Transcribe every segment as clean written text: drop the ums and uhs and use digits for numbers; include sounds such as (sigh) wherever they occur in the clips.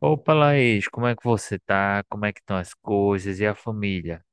Opa, Laís, como é que você tá? Como é que estão as coisas e a família?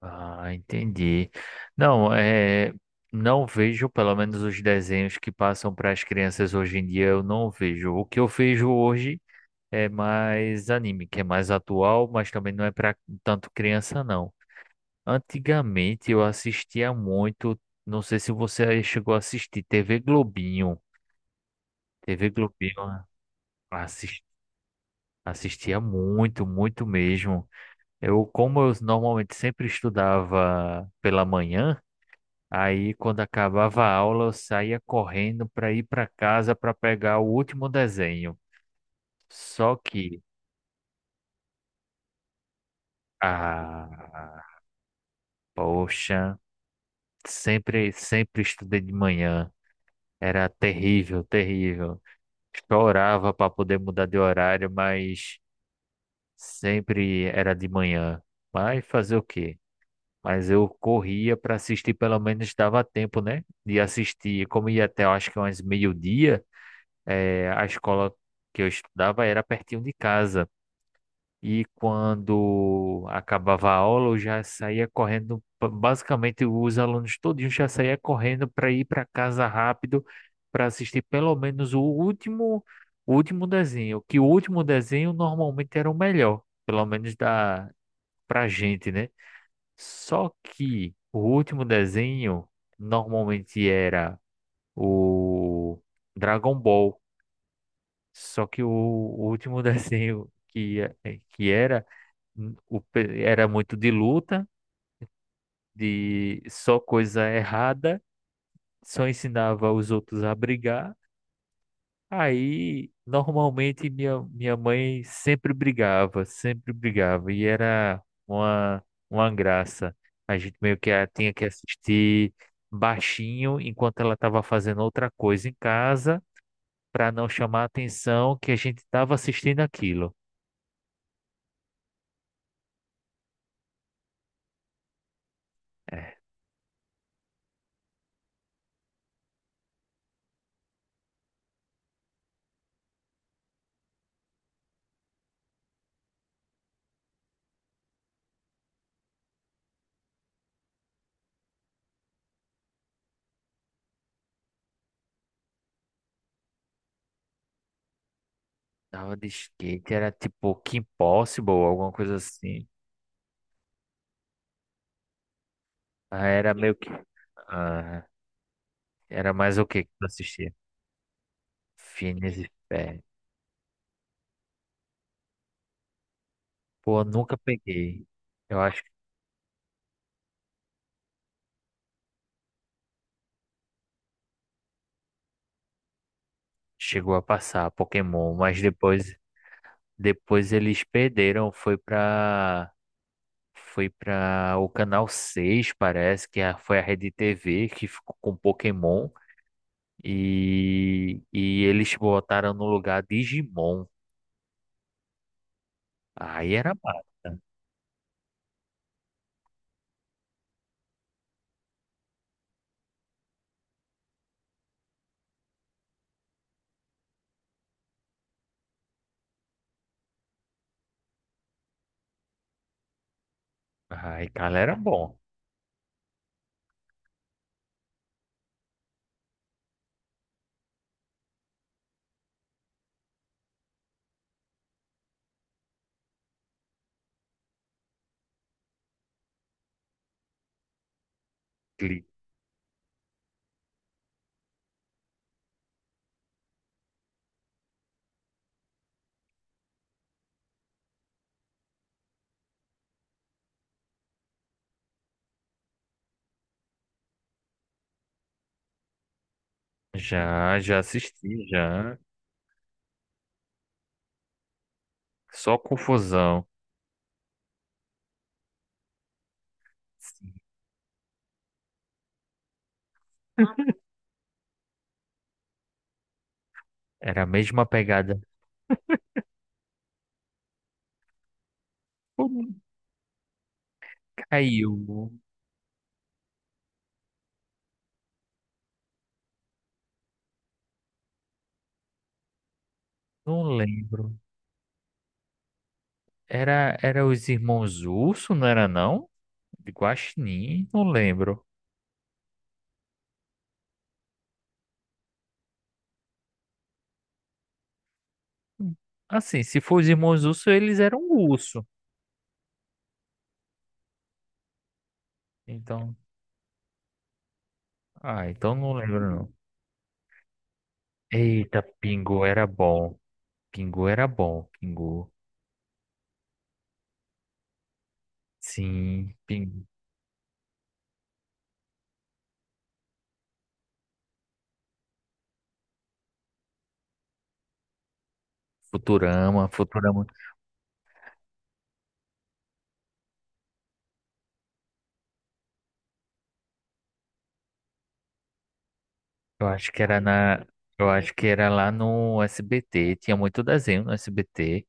Ah, entendi. Não, é, não vejo, pelo menos os desenhos que passam para as crianças hoje em dia, eu não vejo. O que eu vejo hoje é mais anime, que é mais atual, mas também não é para tanto criança, não. Antigamente eu assistia muito, não sei se você chegou a assistir, TV Globinho. TV Globinho, assisti- assistia muito, muito mesmo. Como eu normalmente sempre estudava pela manhã, aí quando acabava a aula eu saía correndo para ir para casa para pegar o último desenho. Só que, ah, poxa, sempre, sempre estudei de manhã. Era terrível, terrível. Chorava para poder mudar de horário, mas sempre era de manhã. Mas fazer o quê? Mas eu corria para assistir, pelo menos dava tempo, né? De assistir. Como ia até, eu acho que umas meio-dia, a escola que eu estudava era pertinho de casa. E quando acabava a aula, eu já saía correndo. Basicamente, os alunos todos já saía correndo para ir para casa rápido para assistir pelo menos o último desenho. Que o último desenho normalmente era o melhor, pelo menos pra gente, né? Só que o último desenho normalmente era o Dragon Ball. Só que o último (laughs) desenho que era muito de luta, de só coisa errada, só ensinava os outros a brigar. Aí, normalmente, minha mãe sempre brigava, e era uma graça. A gente meio que tinha que assistir baixinho enquanto ela estava fazendo outra coisa em casa, para não chamar a atenção que a gente estava assistindo aquilo. É, tava de skate, era tipo Kim Possible, alguma coisa assim. Ah, era meio que. Ah, era mais o que que tu assistia? Phineas e Ferb. Pô, eu nunca peguei. Eu acho. Chegou a passar Pokémon, mas depois eles perderam, foi para o canal seis. Parece que foi a Rede TV que ficou com Pokémon e eles botaram no lugar Digimon. Aí era massa. Aí, cara, era bom. Cli- Já já assisti já. Só confusão. Sim. (laughs) Era a mesma pegada. Todo mundo caiu. Não lembro. Era os irmãos Urso, não era não? De Guaxinim, não lembro. Assim, se for os irmãos Urso, eles eram urso. Então, então não lembro não. Eita, Pingu era bom. Pingu era bom, Pingu. Sim, Pingu. Futurama, Futurama. Eu acho que era na, eu acho que era lá no SBT, tinha muito desenho no SBT.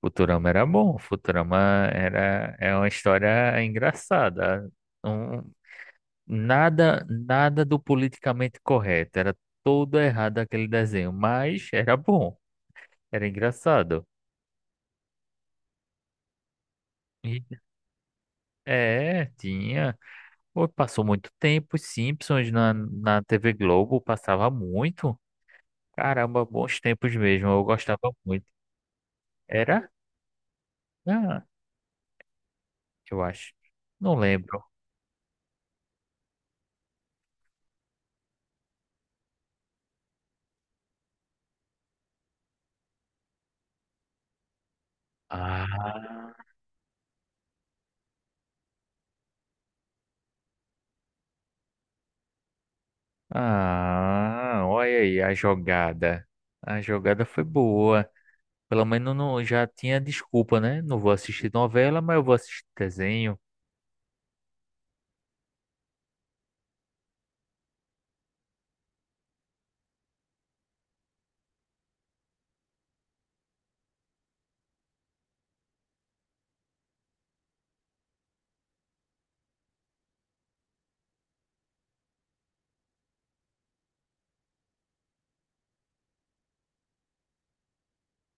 Futurama era bom, Futurama era é uma história engraçada. Um, nada, nada do politicamente correto. Era todo errado aquele desenho, mas era bom, era engraçado. E- É, tinha. Pô, passou muito tempo, os Simpsons na TV Globo passava muito. Caramba, bons tempos mesmo, eu gostava muito. Era? Ah, eu acho. Não lembro. Ah, olha aí a jogada. A jogada foi boa. Pelo menos não, já tinha desculpa, né? Não vou assistir novela, mas eu vou assistir desenho.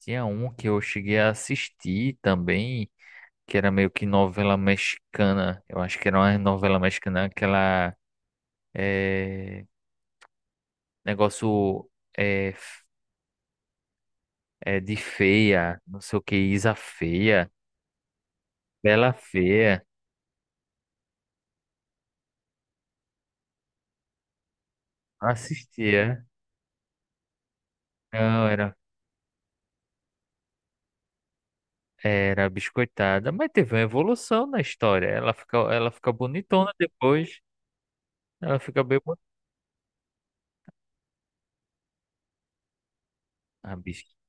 Tinha um que eu cheguei a assistir também, que era meio que novela mexicana. Eu acho que era uma novela mexicana, aquela é, negócio é, é de feia, não sei o que, Isa Feia, Bela Feia. Não assistia. Não, era biscoitada, mas teve uma evolução na história. Ela fica bonitona depois. Ela fica bem bonita.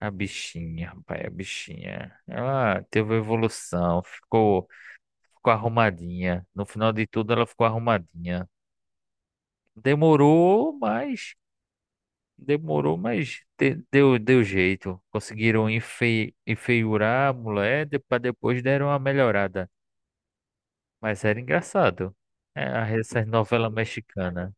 A bichinha, rapaz, a bichinha. Ela teve evolução, ficou arrumadinha. No final de tudo, ela ficou arrumadinha. Demorou, mas demorou, mas deu jeito. Conseguiram enfeiurar a mulher, para depois deram uma melhorada. Mas era engraçado. É, essas novelas mexicanas.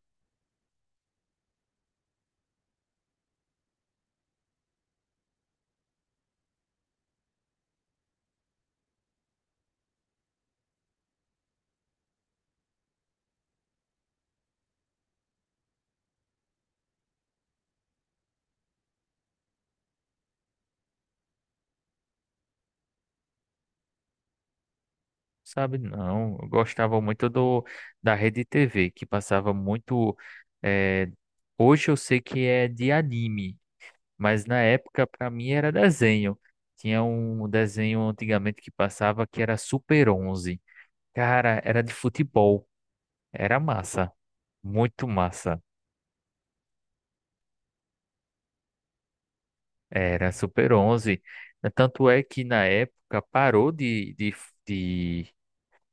Sabe, não. Eu gostava muito do da Rede TV, que passava muito. eh, hoje eu sei que é de anime. Mas na época, para mim, era desenho. Tinha um desenho antigamente que passava que era Super Onze. Cara, era de futebol. Era massa. Muito massa. Era Super Onze. Tanto é que na época parou de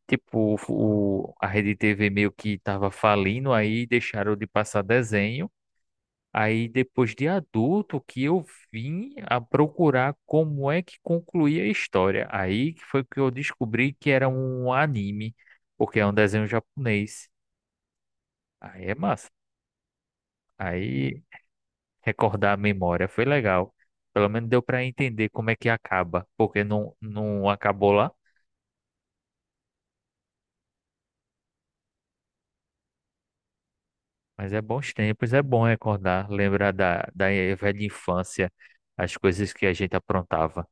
tipo, a Rede TV meio que estava falindo, aí deixaram de passar desenho. Aí depois de adulto que eu vim a procurar como é que concluía a história. Aí que foi que eu descobri que era um anime, porque é um desenho japonês. Aí é massa. Aí recordar a memória foi legal. Pelo menos deu para entender como é que acaba, porque não acabou lá. Mas é bons tempos, é bom recordar, lembrar da velha infância, as coisas que a gente aprontava.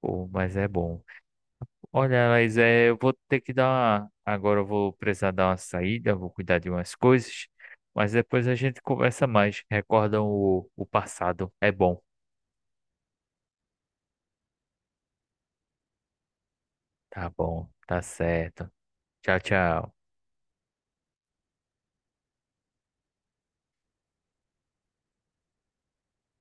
Pô, mas é bom. Olha, mas é, eu vou ter que dar uma... Agora eu vou precisar dar uma saída, vou cuidar de umas coisas, mas depois a gente conversa mais. Recordam o passado. É bom. Tá bom, tá certo. Tchau, tchau.